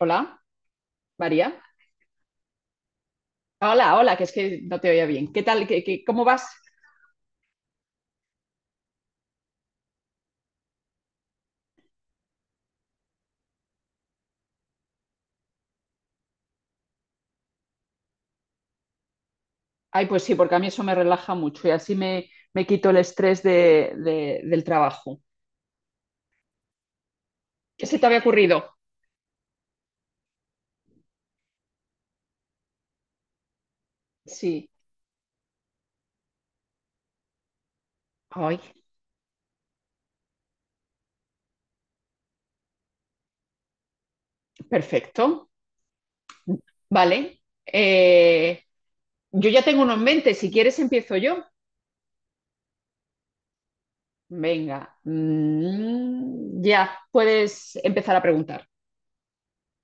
Hola, María. Hola, hola, que es que no te oía bien. ¿Qué tal? ¿ Cómo vas? Ay, pues sí, porque a mí eso me relaja mucho y así me quito el estrés del trabajo. ¿Qué se te había ocurrido? Sí. Ay, perfecto. Vale. Eh, yo ya tengo uno en mente. Si quieres, empiezo yo. Venga. Ya, puedes empezar a preguntar.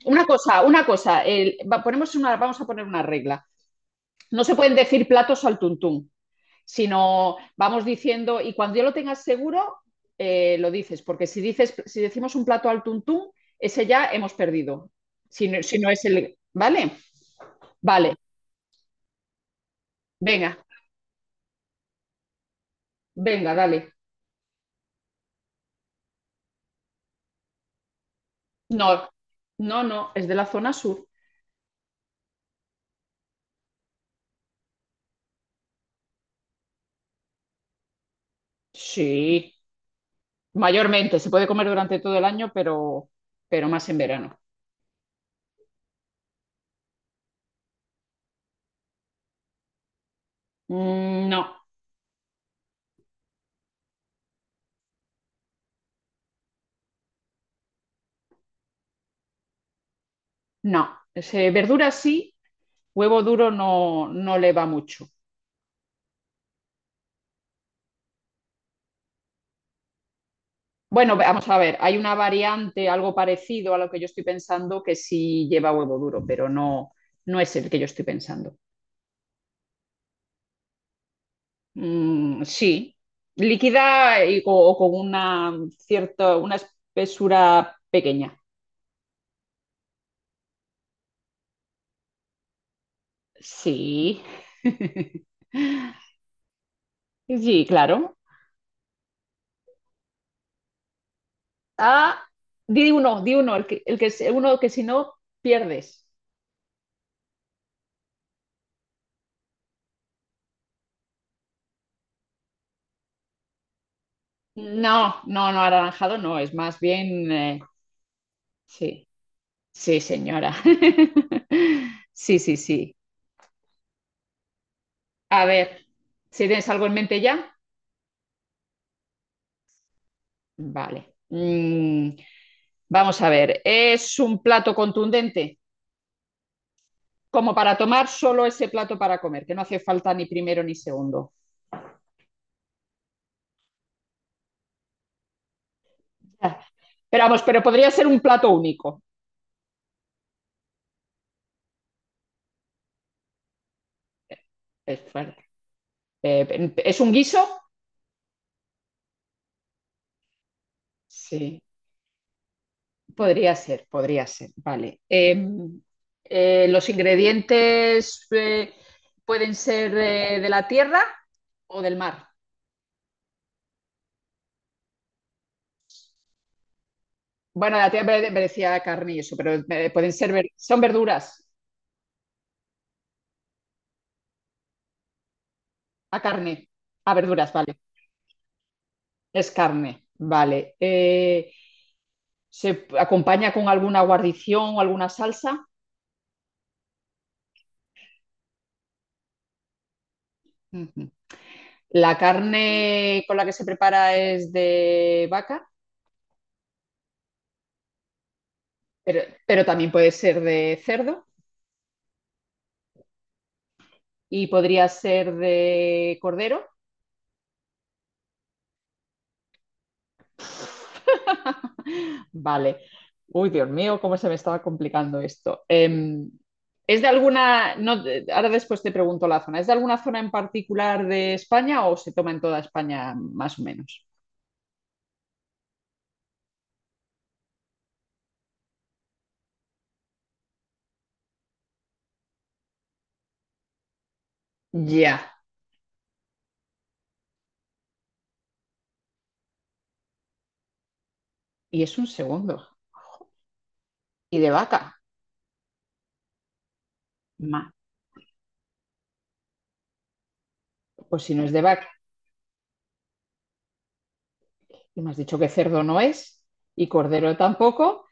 Una cosa, una cosa. Ponemos una, vamos a poner una regla. No se pueden decir platos al tuntún. Sino vamos diciendo, y cuando ya lo tengas seguro, lo dices, porque si, dices, si decimos un plato al tuntún, ese ya hemos perdido, si no, si no es el... ¿Vale? Vale, venga, venga, dale. No, no, no, es de la zona sur. Sí, mayormente, se puede comer durante todo el año, pero más en verano. Mm, no, no, ese, verduras sí, huevo duro no, no le va mucho. Bueno, vamos a ver, hay una variante, algo parecido a lo que yo estoy pensando, que sí lleva huevo duro, pero no, no es el que yo estoy pensando. Sí, líquida y o con una cierta, una espesura pequeña. Sí. Sí, claro. Ah, di uno, uno que si no pierdes. No, no, no, anaranjado no, es más bien, sí. Sí, señora. Sí, sí, sí. A ver, ¿si tienes algo en mente ya? Vale. Vamos a ver, es un plato contundente, como para tomar solo ese plato para comer, que no hace falta ni primero ni segundo. Ah, pero vamos, pero podría ser un plato único. Es fuerte. ¿Es un guiso? Sí. Podría ser, vale. ¿Los ingredientes pueden ser de la tierra o del mar? Bueno, de la tierra me decía carne y eso, pero pueden ser, son verduras, a carne, a verduras, vale. Es carne, vale. ¿Se acompaña con alguna guarnición o alguna salsa? Ujú. La carne con la que se prepara es de vaca, pero, pero también puede ser de cerdo. ¿Y podría ser de cordero? Vale. Uy, Dios mío, cómo se me estaba complicando esto. ¿Es de alguna, no, de- ahora después te pregunto la zona, ¿es de alguna zona en particular de España o se toma en toda España más o menos? Ya, y es un segundo. ¿Y de vaca? Ma- Pues si no es de vaca, y me has dicho que cerdo no es y cordero tampoco.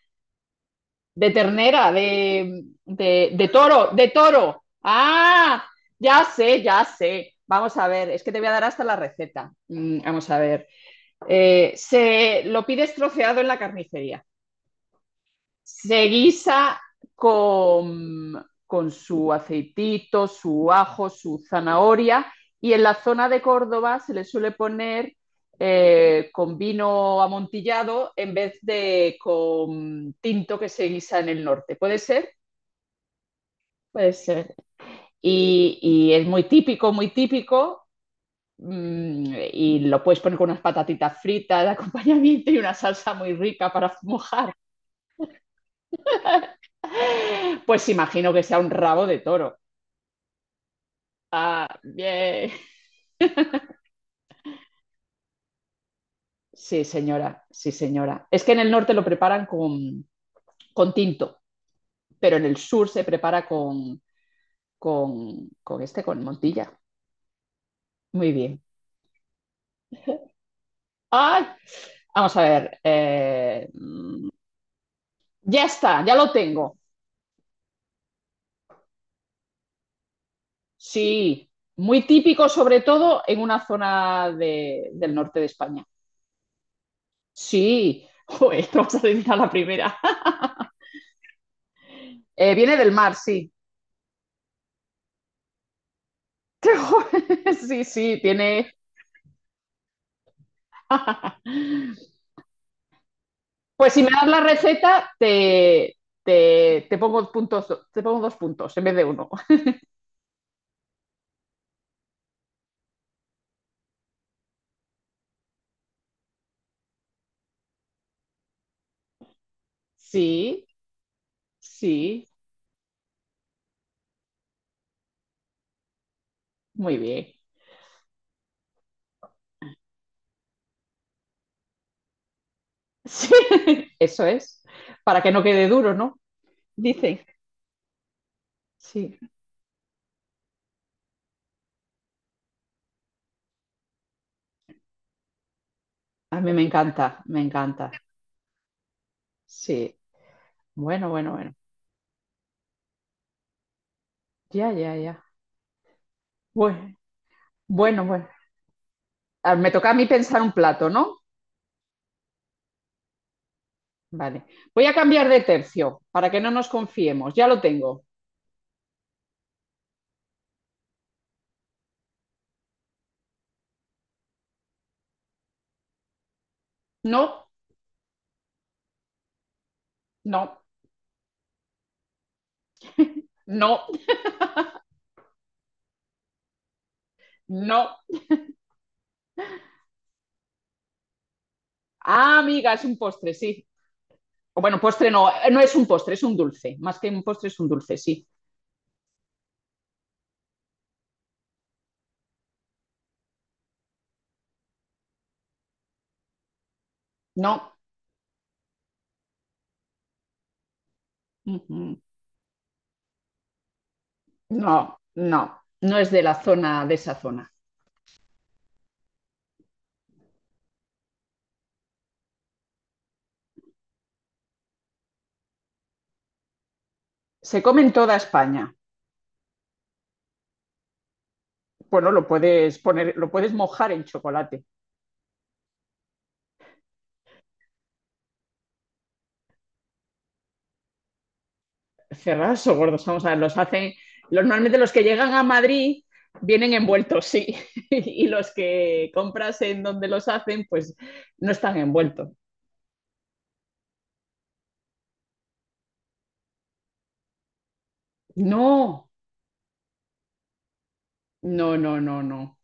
De ternera, de toro, de toro. Ah, ya sé, ya sé. Vamos a ver, es que te voy a dar hasta la receta. Vamos a ver. Se lo pides troceado en la carnicería. Se guisa con su aceitito, su ajo, su zanahoria y en la zona de Córdoba se le suele poner con vino amontillado en vez de con tinto que se guisa en el norte. ¿Puede ser? Puede ser. Y es muy típico, muy típico. Y lo puedes poner con unas patatitas fritas de acompañamiento y una salsa muy rica para mojar. Pues imagino que sea un rabo de toro. Ah, bien. Sí, señora, sí, señora. Es que en el norte lo preparan con tinto, pero en el sur se prepara con con Montilla. Muy bien. Ay, vamos a ver. Ya está, ya lo tengo. Sí, muy típico, sobre todo en una del norte de España. Sí, joder, te vas a decir a la primera. Viene del mar, sí. Sí, sí, tiene. Pues si me das la receta, te pongo puntos, te pongo dos puntos en vez de uno. Sí, sí, muy bien. Sí, eso es. Para que no quede duro, ¿no? Dice. Sí, a mí me encanta, me encanta. Sí, bueno, bueno, bueno. Ya, ya, ya. Bueno, bueno, bueno. Ah, me toca a mí pensar un plato, ¿no? Vale. Voy a cambiar de tercio para que no nos confiemos. Ya lo tengo. No, no, no, no. Ah, amiga, es un postre, sí. O bueno, postre no, no es un postre, es un dulce. Más que un postre es un dulce, sí. No. Ujú. No, no, no es de la zona, de esa zona. Se come en toda España. Bueno, lo puedes poner, lo puedes mojar en chocolate. Cerrados o gordos, vamos a ver, los hacen. Normalmente los que llegan a Madrid vienen envueltos, sí. Y los que compras en donde los hacen, pues no están envueltos. No, no, no, no, no.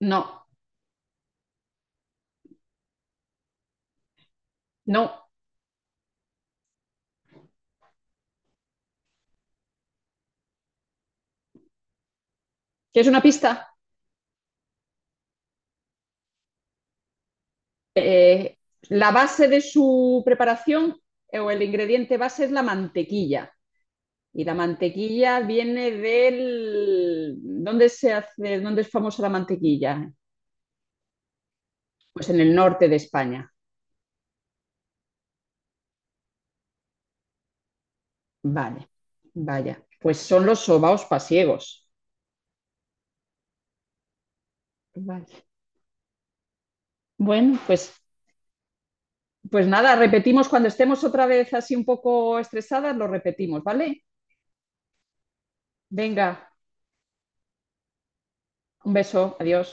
No, no. ¿Quieres una pista? Eh, la base de su preparación o el ingrediente base es la mantequilla. Y la mantequilla viene del... ¿Dónde se hace, dónde es famosa la mantequilla? Pues en el norte de España. Vale, vaya. Pues son los sobaos pasiegos. Vale. Bueno, pues, pues nada, repetimos cuando estemos otra vez así un poco estresadas, lo repetimos, ¿vale? Venga, un beso, adiós.